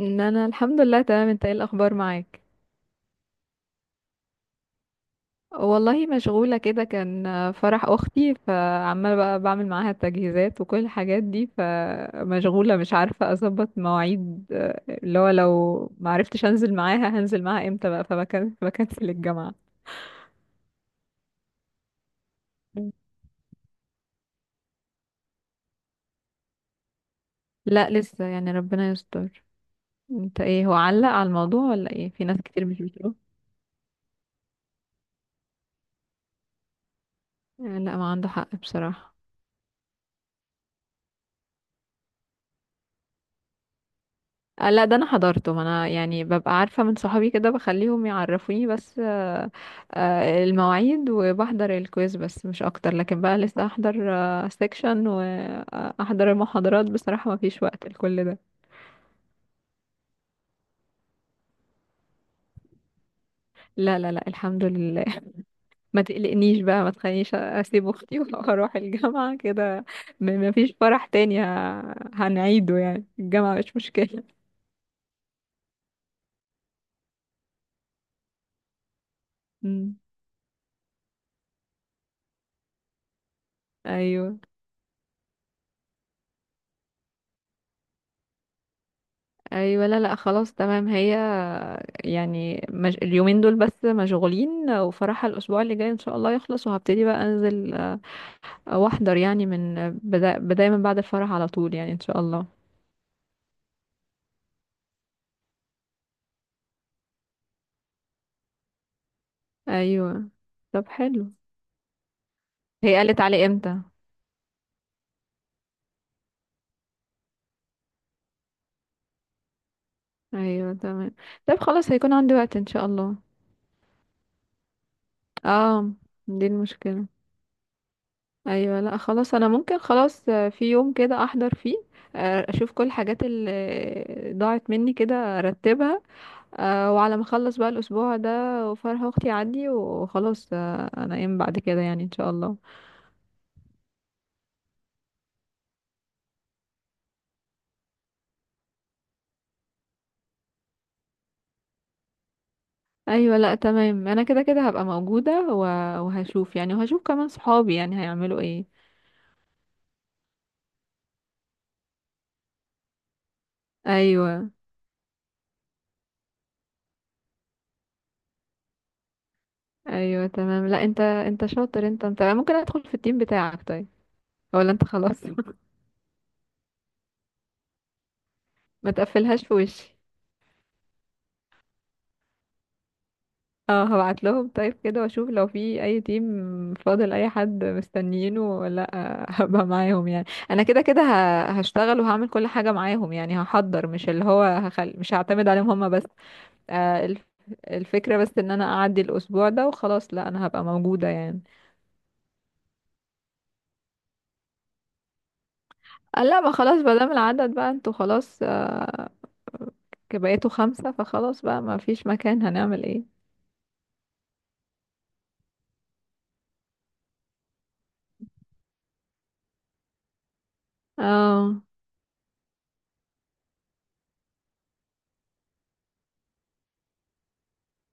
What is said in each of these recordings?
انا الحمد لله تمام. انت ايه الاخبار معاك؟ والله مشغولة كده كان فرح اختي، فعمالة بقى بعمل معاها التجهيزات وكل الحاجات دي، فمشغولة مش عارفة اظبط مواعيد، اللي هو لو معرفتش انزل معاها هنزل معاها امتى بقى، فبكن بكنسل الجامعة. لا لسه يعني، ربنا يستر. انت ايه، هو علق على الموضوع ولا ايه؟ في ناس كتير مش بتروح. لا ما عنده حق بصراحة. لا ده انا حضرته، ما انا يعني ببقى عارفة من صحابي كده، بخليهم يعرفوني بس المواعيد، وبحضر الكويز بس مش اكتر، لكن بقى لسه احضر سيكشن واحضر المحاضرات، بصراحة ما فيش وقت لكل ده. لا لا لا، الحمد لله. ما تقلقنيش بقى، ما تخلينيش اسيب اختي واروح الجامعة كده. ما فيش فرح تاني هنعيده، يعني الجامعة مش مشكلة. مم. ايوه، ايوه. لا لا، خلاص تمام. هي يعني اليومين دول بس مشغولين، وفرحها الاسبوع اللي جاي ان شاء الله يخلص، وهبتدي بقى انزل واحضر، يعني من بداية من بعد الفرح على طول يعني ان شاء الله. ايوه، طب حلو. هي قالت علي امتى؟ ايوه تمام، طب خلاص هيكون عندي وقت ان شاء الله. اه، دي المشكلة. ايوه، لا خلاص انا ممكن خلاص، في يوم كده احضر فيه، اشوف كل الحاجات اللي ضاعت مني كده ارتبها. وعلى ما اخلص بقى الاسبوع ده، وفرح اختي عندي وخلاص، انا ايام بعد كده يعني ان شاء الله. ايوه لا تمام، انا كده كده هبقى موجوده وهشوف، يعني وهشوف كمان صحابي يعني هيعملوا ايه. ايوه ايوه تمام، لا انت شاطر، انت ممكن ادخل في التيم بتاعك طيب؟ ولا انت خلاص؟ ما تقفلهاش في وشي. اه، هبعت لهم طيب كده، واشوف لو في اي تيم فاضل، اي حد مستنيينه ولا لأ، هبقى معاهم يعني. انا كده كده هشتغل وهعمل كل حاجة معاهم، يعني هحضر، مش اللي هو مش هعتمد عليهم هما بس. آه الف... الفكرة بس ان انا اعدي الاسبوع ده وخلاص، لا انا هبقى موجودة يعني. لا ما خلاص، ما دام العدد بقى انتوا خلاص بقيتوا خمسة فخلاص بقى، ما فيش مكان هنعمل ايه. اه،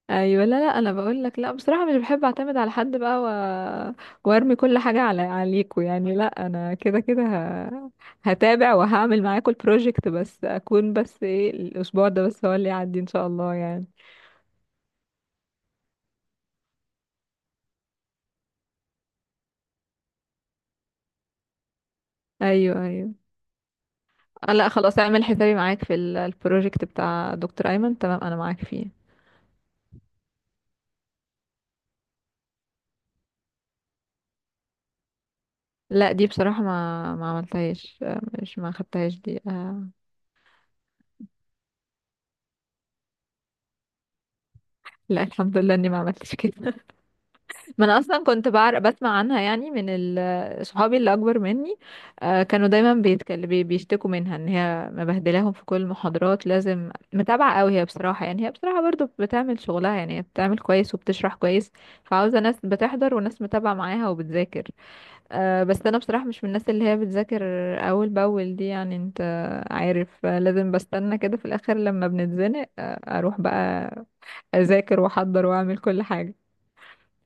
ايوه لا لا، انا بقول لك لا، بصراحه مش بحب اعتمد على حد بقى وارمي كل حاجه على عليكوا، يعني لا انا كده كده هتابع وهعمل معاكوا البروجكت، بس اكون بس ايه، الاسبوع ده بس هو اللي يعدي ان شاء الله يعني. ايوه ايوه، لا خلاص اعمل حسابي معاك في البروجكت بتاع دكتور ايمن، تمام انا معاك فيه. لا دي بصراحه ما عملتهاش، مش ما خدتهاش دي لا الحمد لله اني ما عملتش كده. ما انا اصلا كنت بعرف، بسمع عنها يعني من صحابي اللي اكبر مني. كانوا دايما بيتكلم بيشتكوا منها ان هي مبهدلاهم في كل المحاضرات، لازم متابعه قوي. هي بصراحه يعني، هي بصراحه برضو بتعمل شغلها، يعني هي بتعمل كويس وبتشرح كويس، فعاوزه ناس بتحضر وناس متابعه معاها وبتذاكر. بس انا بصراحه مش من الناس اللي هي بتذاكر اول باول دي، يعني انت عارف، لازم بستنى كده في الاخر لما بنتزنق، اروح بقى اذاكر واحضر واعمل كل حاجه.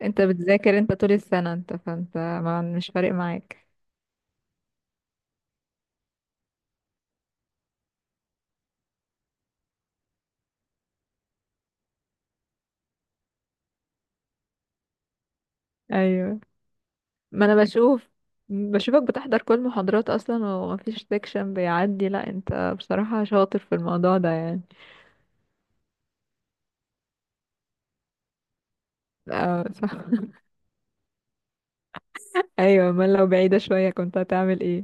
انت بتذاكر انت طول السنة انت، فانت ما مش فارق معاك. ايوه، ما انا بشوفك بتحضر كل محاضرات اصلا، ومفيش سيكشن بيعدي، لا انت بصراحة شاطر في الموضوع ده يعني. اه صح. ايوه، امال لو بعيدة شوية كنت هتعمل ايه؟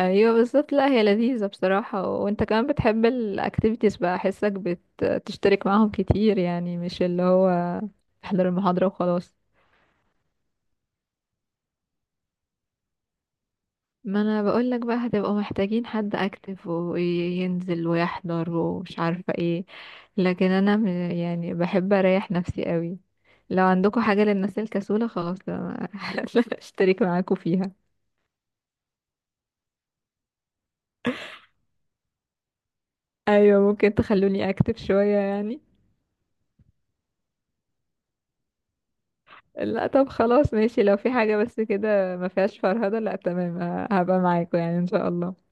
ايوه بالظبط، لا هي لذيذة بصراحة، وانت كمان بتحب الاكتيفيتيز بقى، احسك بتشترك معاهم كتير، يعني مش اللي هو تحضر المحاضرة وخلاص. ما انا بقول لك بقى، هتبقوا محتاجين حد اكتف وينزل ويحضر ومش عارفة ايه، لكن انا يعني بحب اريح نفسي قوي. لو عندكم حاجة للناس الكسولة خلاص أنا اشترك معاكم فيها. ايوه ممكن تخلوني اكتف شوية يعني. لا طب خلاص ماشي، لو في حاجة بس كده ما فيهاش فرهدة، لا تمام هبقى معاكم يعني ان شاء الله.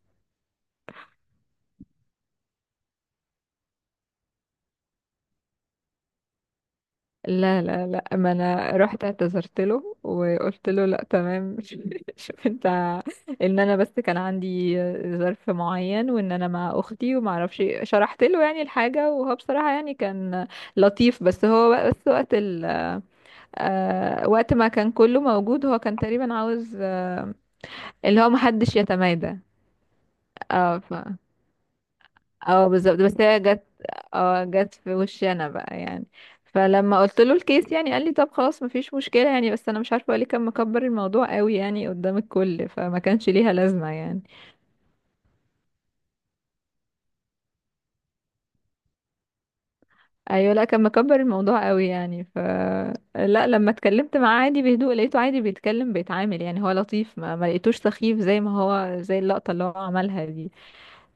لا لا لا، ما انا رحت اعتذرت له وقلت له لا تمام، شوف انت، انا بس كان عندي ظرف معين، وان انا مع اختي وما اعرفش إيه. شرحت له يعني الحاجه، وهو بصراحه يعني كان لطيف، بس هو بس وقت ال، وقت ما كان كله موجود هو كان تقريبا عاوز، اللي هو محدش يتمادى. اه. اه بالظبط، بس هي جت، اه جت في وشي انا بقى يعني. فلما قلت له الكيس يعني، قال لي طب خلاص مفيش مشكلة يعني، بس انا مش عارفة هو ليه كان مكبر الموضوع قوي يعني قدام الكل، فما كانش ليها لازمة يعني. ايوه، لا كان مكبر الموضوع قوي يعني، ف لا لما اتكلمت معاه عادي بهدوء لقيته عادي بيتكلم بيتعامل، يعني هو لطيف، ما لقيتوش سخيف زي ما هو زي اللقطة اللي هو عملها دي.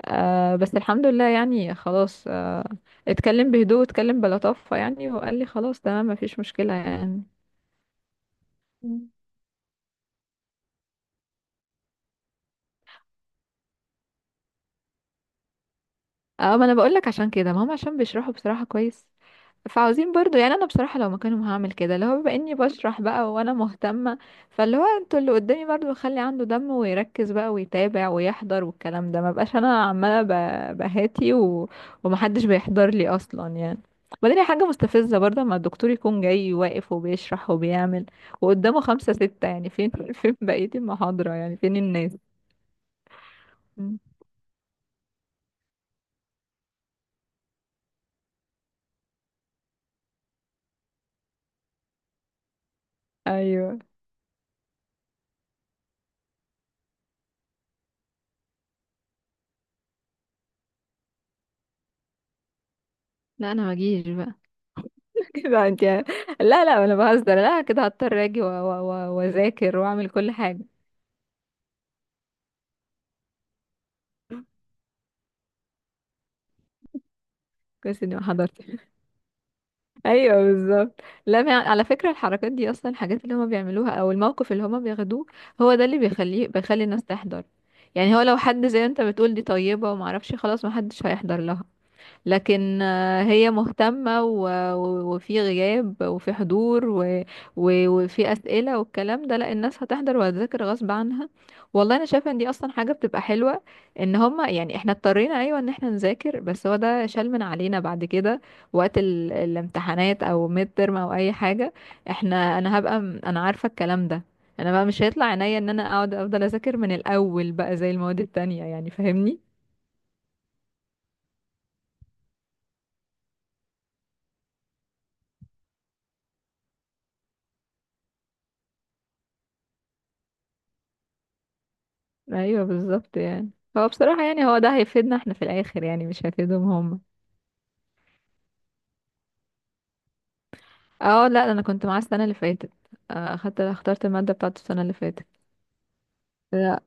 بس الحمد لله يعني خلاص، اتكلم بهدوء، اتكلم بلطافة يعني، وقال لي خلاص تمام مفيش مشكلة يعني. مم. اه، ما انا بقول لك عشان كده، ما هم عشان بيشرحوا بصراحة كويس، فعاوزين برضو. يعني انا بصراحة لو مكانهم هعمل كده، اللي هو بما اني بشرح بقى وانا مهتمة، فاللي هو انتوا اللي قدامي برضو خلي عنده دم ويركز بقى ويتابع ويحضر، والكلام ده ما بقاش انا عمالة بهاتي ومحدش بيحضر لي اصلا يعني. وبعدين هي حاجة مستفزة برضه، اما الدكتور يكون جاي واقف وبيشرح وبيعمل، وقدامه خمسة ستة، يعني فين فين بقية المحاضرة؟ يعني فين الناس؟ مم. ايوه، لا انا ما اجيش بقى. كده انت، لا لا انا بهزر، لا كده هضطر اجي واذاكر واعمل كل حاجه. كويس اني ما حضرتش. ايوه بالظبط، لا على فكره الحركات دي اصلا، الحاجات اللي هما بيعملوها او الموقف اللي هما بياخدوه، هو ده اللي بيخلي الناس تحضر. يعني هو لو حد زي ما انت بتقول دي طيبه وما اعرفش، خلاص ما حدش هيحضر لها. لكن هي مهتمة، وفي غياب وفي حضور، وفي أسئلة والكلام ده، لا الناس هتحضر وهتذاكر غصب عنها. والله أنا شايفة إن دي أصلا حاجة بتبقى حلوة، إن هما يعني، إحنا اضطرينا أيوة إن إحنا نذاكر، بس هو ده شال من علينا بعد كده وقت الامتحانات أو ميد ترم أو أي حاجة. إحنا، أنا هبقى أنا عارفة الكلام ده، أنا بقى مش هيطلع عينيا إن أنا أقعد أفضل أذاكر من الأول بقى زي المواد التانية، يعني فاهمني؟ ايوه بالظبط يعني. هو بصراحة يعني، هو ده هيفيدنا احنا في الاخر، يعني مش هيفيدهم هم. اه، لا انا كنت معاه السنة اللي فاتت، اخترت المادة بتاعته السنة اللي فاتت. لا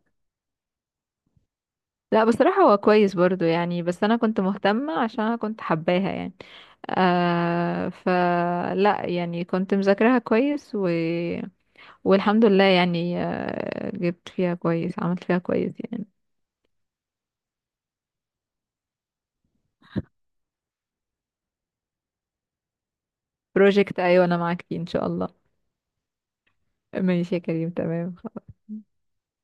لا، بصراحة هو كويس برضو يعني، بس انا كنت مهتمة عشان انا كنت حباها يعني، فلا يعني كنت مذاكراها كويس والحمد لله يعني، جبت فيها كويس، عملت فيها كويس يعني. بروجكت، ايوه انا معاك فيه ان شاء الله. ماشي يا كريم، تمام خلاص.